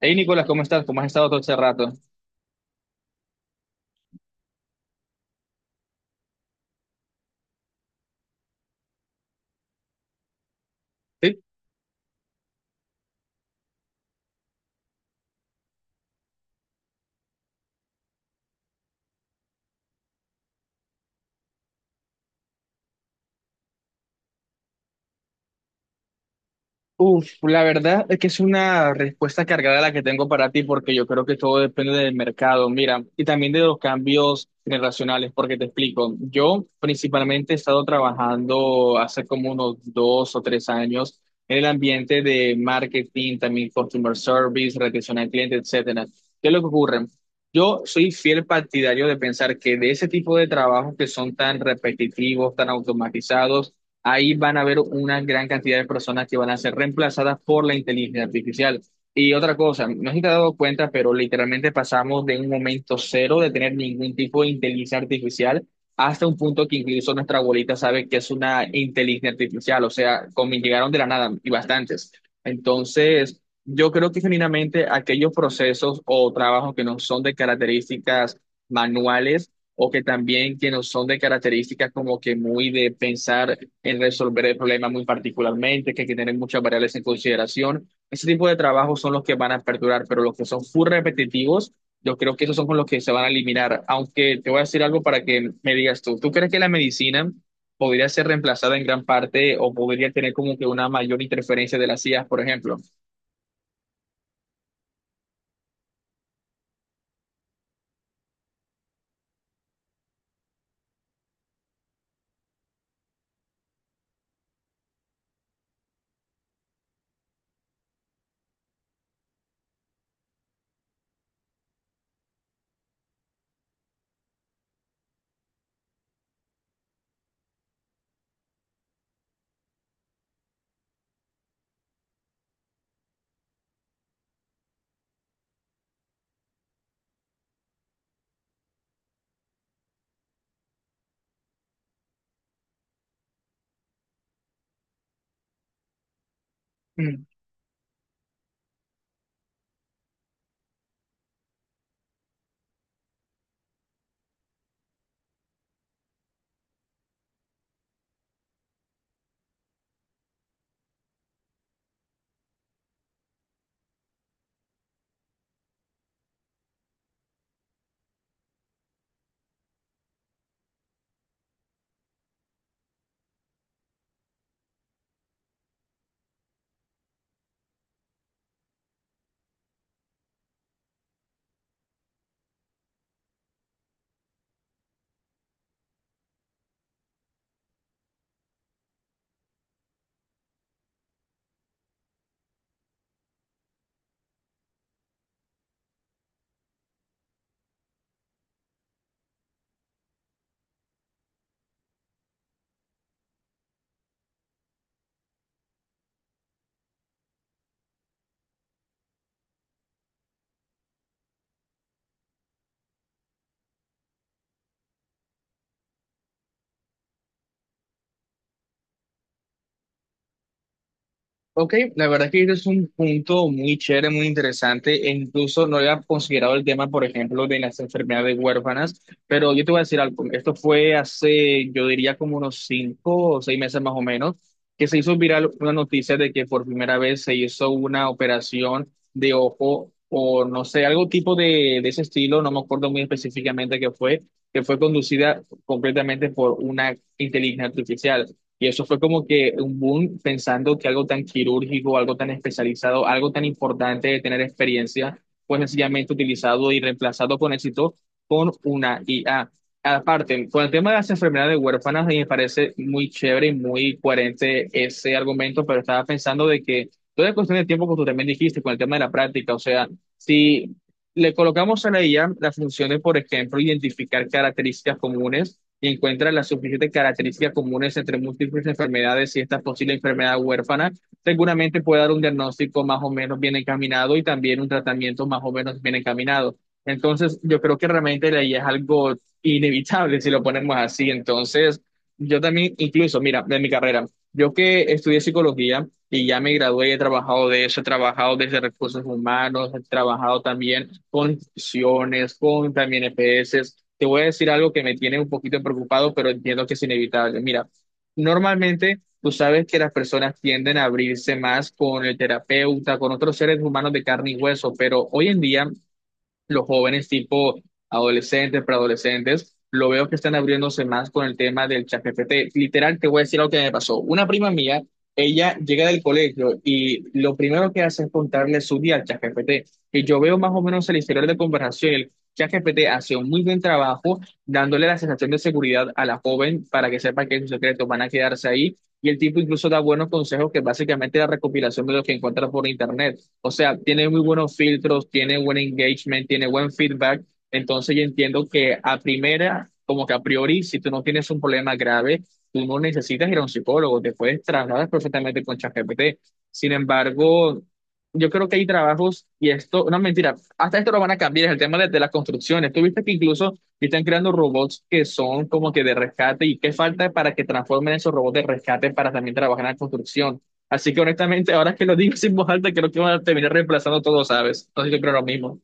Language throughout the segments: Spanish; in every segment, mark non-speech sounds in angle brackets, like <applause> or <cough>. Hey Nicolás, ¿cómo estás? ¿Cómo has estado todo este rato? Sí. Uf, la verdad es que es una respuesta cargada la que tengo para ti, porque yo creo que todo depende del mercado, mira, y también de los cambios generacionales, porque te explico, yo principalmente he estado trabajando hace como unos dos o tres años en el ambiente de marketing, también customer service, retención al cliente, etcétera. ¿Qué es lo que ocurre? Yo soy fiel partidario de pensar que de ese tipo de trabajos que son tan repetitivos, tan automatizados, ahí van a haber una gran cantidad de personas que van a ser reemplazadas por la inteligencia artificial. Y otra cosa, no sé si te has dado cuenta, pero literalmente pasamos de un momento cero de tener ningún tipo de inteligencia artificial hasta un punto que incluso nuestra abuelita sabe que es una inteligencia artificial, o sea, como llegaron de la nada y bastantes. Entonces, yo creo que genuinamente aquellos procesos o trabajos que no son de características manuales, o que también que no son de características como que muy de pensar en resolver el problema muy particularmente, que hay que tener muchas variables en consideración. Ese tipo de trabajos son los que van a perdurar, pero los que son full repetitivos, yo creo que esos son con los que se van a eliminar. Aunque te voy a decir algo para que me digas tú, ¿tú crees que la medicina podría ser reemplazada en gran parte o podría tener como que una mayor interferencia de las IAs, por ejemplo? Ok, la verdad que este es un punto muy chévere, muy interesante, e incluso no había considerado el tema, por ejemplo, de las enfermedades huérfanas, pero yo te voy a decir algo, esto fue hace, yo diría como unos cinco o seis meses más o menos, que se hizo viral una noticia de que por primera vez se hizo una operación de ojo o no sé, algo tipo de ese estilo, no me acuerdo muy específicamente qué fue, que fue conducida completamente por una inteligencia artificial. Y eso fue como que un boom pensando que algo tan quirúrgico, algo tan especializado, algo tan importante de tener experiencia, pues sencillamente utilizado y reemplazado con éxito con una IA. Aparte, con el tema de las enfermedades huérfanas, me parece muy chévere y muy coherente ese argumento, pero estaba pensando de que toda es cuestión de tiempo, como tú también dijiste, con el tema de la práctica, o sea, si le colocamos a la IA la función de, por ejemplo, identificar características comunes y encuentra las suficientes características comunes entre múltiples enfermedades y esta posible enfermedad huérfana. Seguramente puede dar un diagnóstico más o menos bien encaminado y también un tratamiento más o menos bien encaminado. Entonces, yo creo que realmente la IA es algo inevitable si lo ponemos así. Entonces, yo también, incluso, mira, de mi carrera, yo que estudié psicología, y ya me gradué y he trabajado de eso, he trabajado desde recursos humanos, he trabajado también con instituciones, con también EPS. Te voy a decir algo que me tiene un poquito preocupado, pero entiendo que es inevitable. Mira, normalmente tú sabes que las personas tienden a abrirse más con el terapeuta, con otros seres humanos de carne y hueso, pero hoy en día los jóvenes tipo adolescentes, preadolescentes, lo veo que están abriéndose más con el tema del ChatGPT. Literal, te voy a decir lo que me pasó. Una prima mía, ella llega del colegio y lo primero que hace es contarle su día al ChatGPT. Y yo veo más o menos el historial de conversación. El ChatGPT hace un muy buen trabajo dándole la sensación de seguridad a la joven para que sepa que sus secretos van a quedarse ahí. Y el tipo incluso da buenos consejos que básicamente es la recopilación de lo que encuentra por internet. O sea, tiene muy buenos filtros, tiene buen engagement, tiene buen feedback. Entonces yo entiendo que a primera, como que a priori, si tú no tienes un problema grave, tú no necesitas ir a un psicólogo, te puedes trasladar perfectamente con ChatGPT. Sin embargo, yo creo que hay trabajos, y esto, no mentira, hasta esto lo van a cambiar, es el tema de las construcciones. Tú viste que incluso están creando robots que son como que de rescate, y qué falta para que transformen esos robots de rescate para también trabajar en la construcción. Así que honestamente, ahora que lo digo <laughs> sin voz alta, creo que van a terminar reemplazando todo, ¿sabes? Entonces yo creo lo mismo.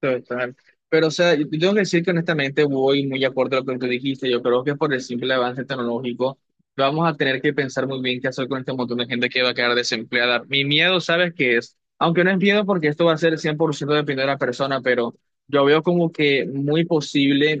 Total. Pero, o sea, yo tengo que decir que honestamente voy muy acorde a lo que tú dijiste. Yo creo que por el simple avance tecnológico vamos a tener que pensar muy bien qué hacer con este montón de gente que va a quedar desempleada. Mi miedo, ¿sabes qué es? Aunque no es miedo porque esto va a ser 100% dependiendo de la persona, pero yo veo como que muy posible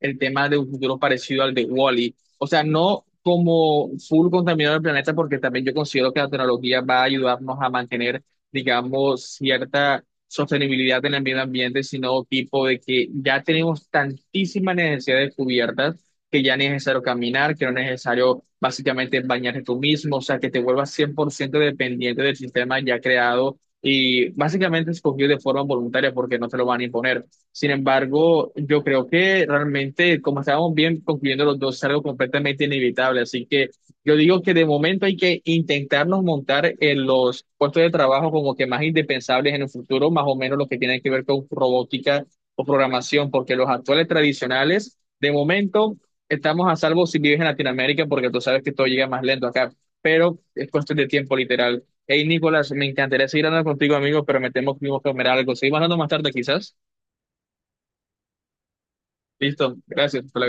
el tema de un futuro parecido al de Wall-E. O sea, no como full contaminador del planeta, porque también yo considero que la tecnología va a ayudarnos a mantener, digamos, cierta sostenibilidad en el medio ambiente, sino tipo de que ya tenemos tantísimas necesidades cubiertas que ya no es necesario caminar, que no es necesario básicamente bañarte tú mismo, o sea, que te vuelvas 100% dependiente del sistema ya creado y básicamente escogido de forma voluntaria porque no te lo van a imponer. Sin embargo, yo creo que realmente, como estábamos bien concluyendo los dos, es algo completamente inevitable, así que yo digo que de momento hay que intentarnos montar en los puestos de trabajo como que más indispensables en el futuro, más o menos lo que tiene que ver con robótica o programación, porque los actuales tradicionales, de momento, estamos a salvo si vives en Latinoamérica, porque tú sabes que todo llega más lento acá, pero es cuestión de tiempo literal. Hey, Nicolás, me encantaría seguir hablando contigo, amigo, pero me temo que tengo que comer algo. Seguimos hablando más tarde, quizás. Listo, gracias. Hasta luego.